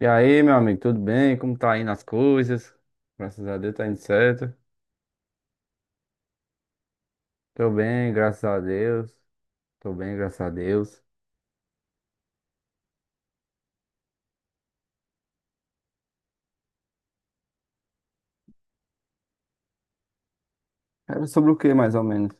E aí, meu amigo, tudo bem? Como tá indo as coisas? Graças a Deus tá indo certo. Tô bem, graças a Deus. Tô bem, graças a Deus. Era sobre o que, mais ou menos?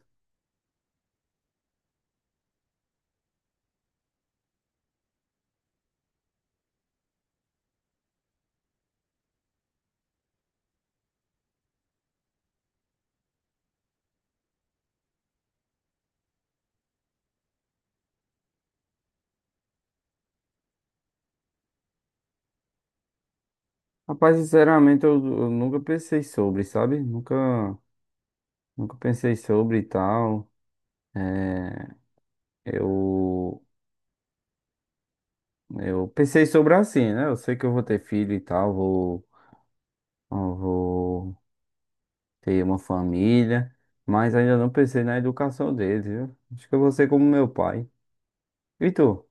Rapaz, sinceramente, eu nunca pensei sobre, sabe? Nunca, nunca pensei sobre e tal. Eu, eu pensei sobre assim, né? Eu sei que eu vou ter filho e tal, vou, eu vou ter uma família, mas ainda não pensei na educação deles, viu? Acho que eu vou ser como meu pai. E tu?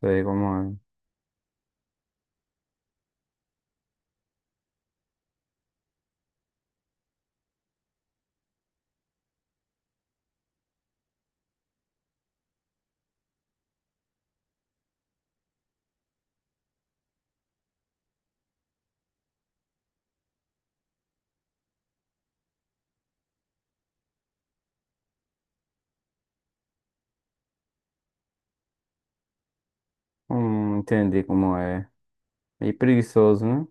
Sei como é. Entendi como é. E preguiçoso, né?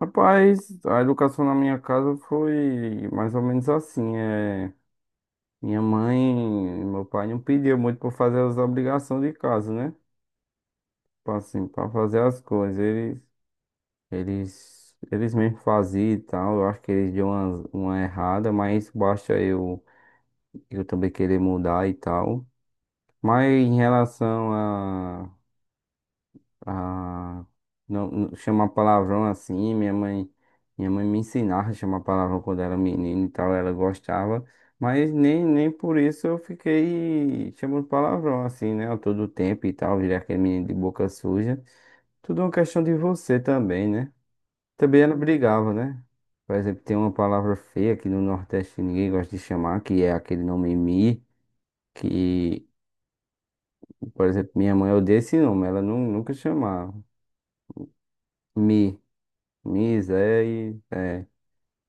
Rapaz, a educação na minha casa foi mais ou menos assim. É... Minha mãe e meu pai não pediam muito para fazer as obrigações de casa, né? Tipo assim, para fazer as coisas. Eles, eles mesmo faziam e tal. Eu acho que eles deu uma errada, mas basta eu também querer mudar e tal. Mas em relação. Ah, não, chamar palavrão assim, minha mãe me ensinava a chamar palavrão quando era menino e tal, ela gostava, mas nem, nem por isso eu fiquei chamando palavrão assim, né, a todo tempo e tal, virei aquele menino de boca suja. Tudo é uma questão de você também, né? Também ela brigava, né? Por exemplo, tem uma palavra feia que no Nordeste ninguém gosta de chamar, que é aquele nome Mi, que, por exemplo, minha mãe odeia esse nome, ela nunca chamava. Mi. Nizé, e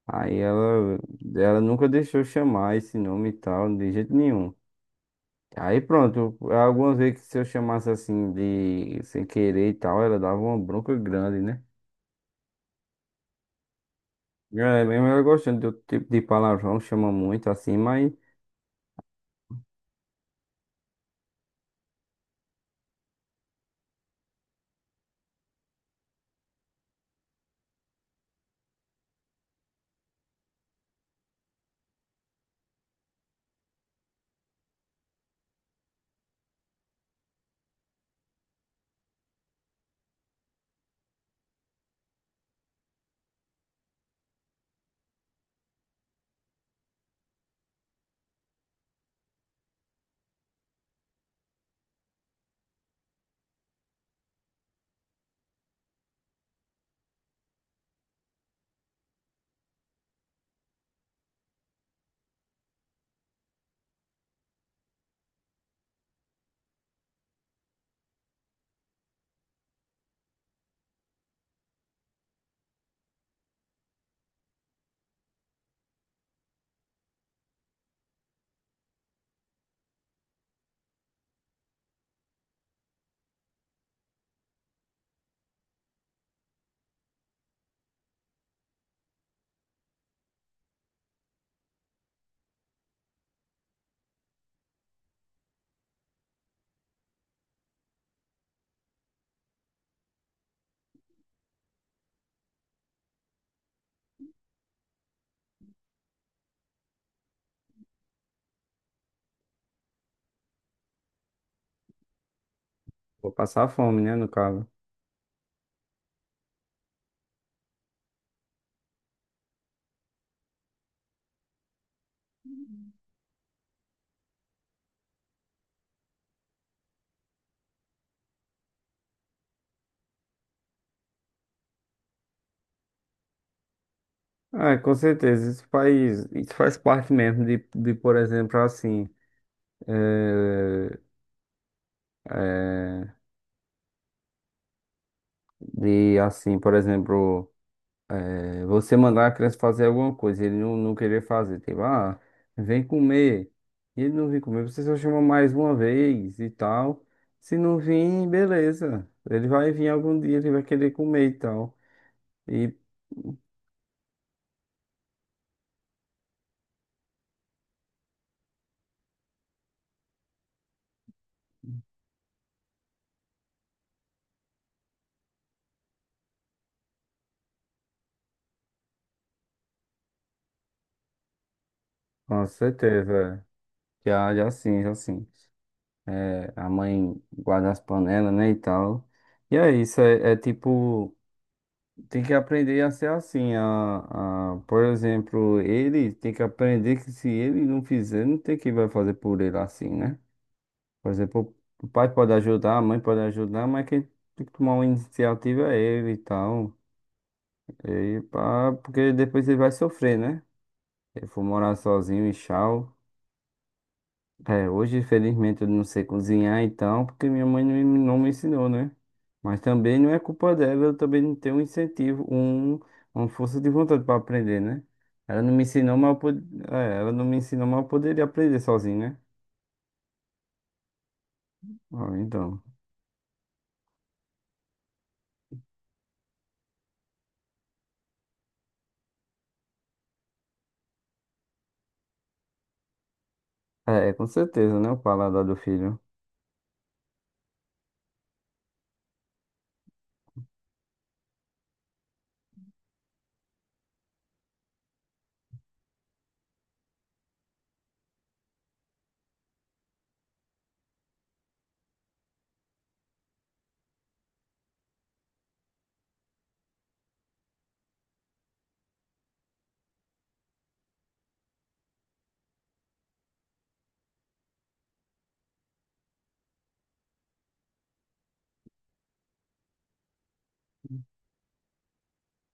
aí ela nunca deixou eu chamar esse nome e tal, de jeito nenhum. Aí pronto, algumas vezes que se eu chamasse assim de sem querer e tal, ela dava uma bronca grande, né? É, mesmo ela gostando do tipo de palavrão, chama muito assim, mas vou passar fome, né, no caso. Ah, com certeza, isso faz parte mesmo de por exemplo, assim, eh, eh, de assim, por exemplo. É, você mandar a criança fazer alguma coisa, ele não, não querer fazer, tipo, ah, vem comer. E ele não vir comer, você só chama mais uma vez e tal. Se não vir, beleza. Ele vai vir algum dia, ele vai querer comer e tal. E com certeza, já, já sim, já sim. É, a mãe guarda as panelas, né, e tal. E é isso, é tipo. Tem que aprender a ser assim. A, por exemplo, ele tem que aprender que se ele não fizer, não tem quem vai fazer por ele assim, né? Por exemplo, o pai pode ajudar, a mãe pode ajudar, mas quem tem que tomar uma iniciativa é ele e tal. E pá, porque depois ele vai sofrer, né? Ele for morar sozinho e tchau. É, hoje, infelizmente, eu não sei cozinhar, então, porque minha mãe não, me não me ensinou, né? Mas também não é culpa dela, eu também não tenho um incentivo, um, uma força de vontade para aprender, né? Ela não me ensinou, mas eu, é, ela não me ensinou, mas eu poderia aprender sozinho, né? Ah, então. É, é, com certeza, né? O paladar do filho.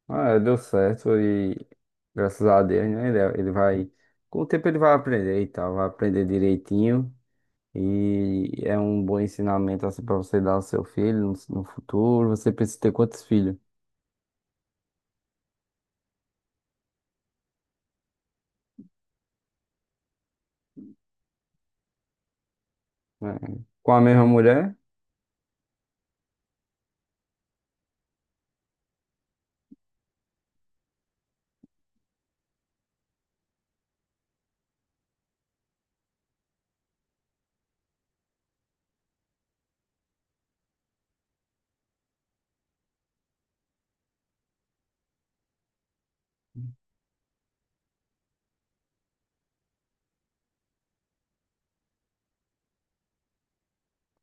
Ah, deu certo e graças a Deus, né? Ele vai. Com o tempo ele vai aprender e tal, vai aprender direitinho. E é um bom ensinamento assim para você dar ao seu filho no, no futuro. Você precisa ter quantos filhos? Né? Com a mesma mulher?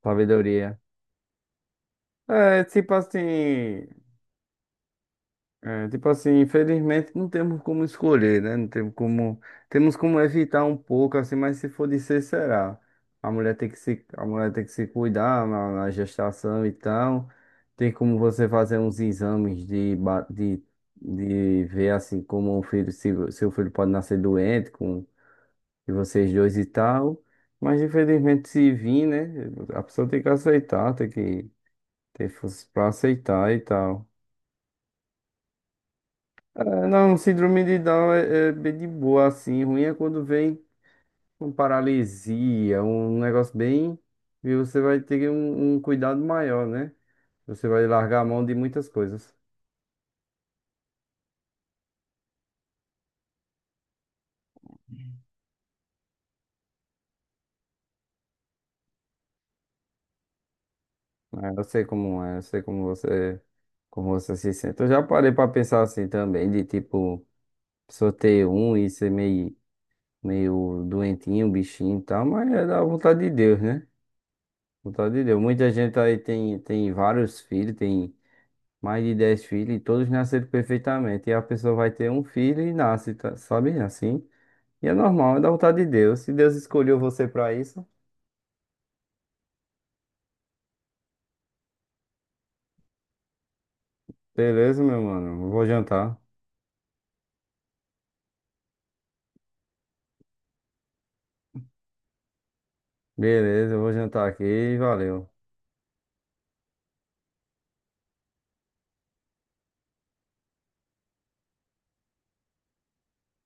Sabedoria. É tipo assim. É, tipo assim, infelizmente não temos como escolher, né? Não temos como, temos como evitar um pouco, assim, mas se for de ser, será. A mulher tem que se, a mulher tem que se cuidar na, na gestação e tal. Tem como você fazer uns exames de, de ver, assim, como o filho, se seu filho pode nascer doente com de vocês dois e tal. Mas infelizmente se vir, né? A pessoa tem que aceitar, tem que ter força pra aceitar e tal. É, não, síndrome de Down é, é bem de boa, assim. Ruim é quando vem com paralisia, um negócio bem. E você vai ter um, um cuidado maior, né? Você vai largar a mão de muitas coisas. É, eu sei como é, eu sei como você se sente. Eu já parei pra pensar assim também, de tipo, só ter um e ser meio, meio doentinho, um bichinho e tal, mas é da vontade de Deus, né? Vontade de Deus. Muita gente aí tem, tem vários filhos, tem mais de 10 filhos, e todos nasceram perfeitamente. E a pessoa vai ter um filho e nasce, tá- sabe? Assim. E é normal, é da vontade de Deus. Se Deus escolheu você pra isso, beleza, meu mano. Eu vou jantar. Beleza, eu vou jantar aqui e valeu.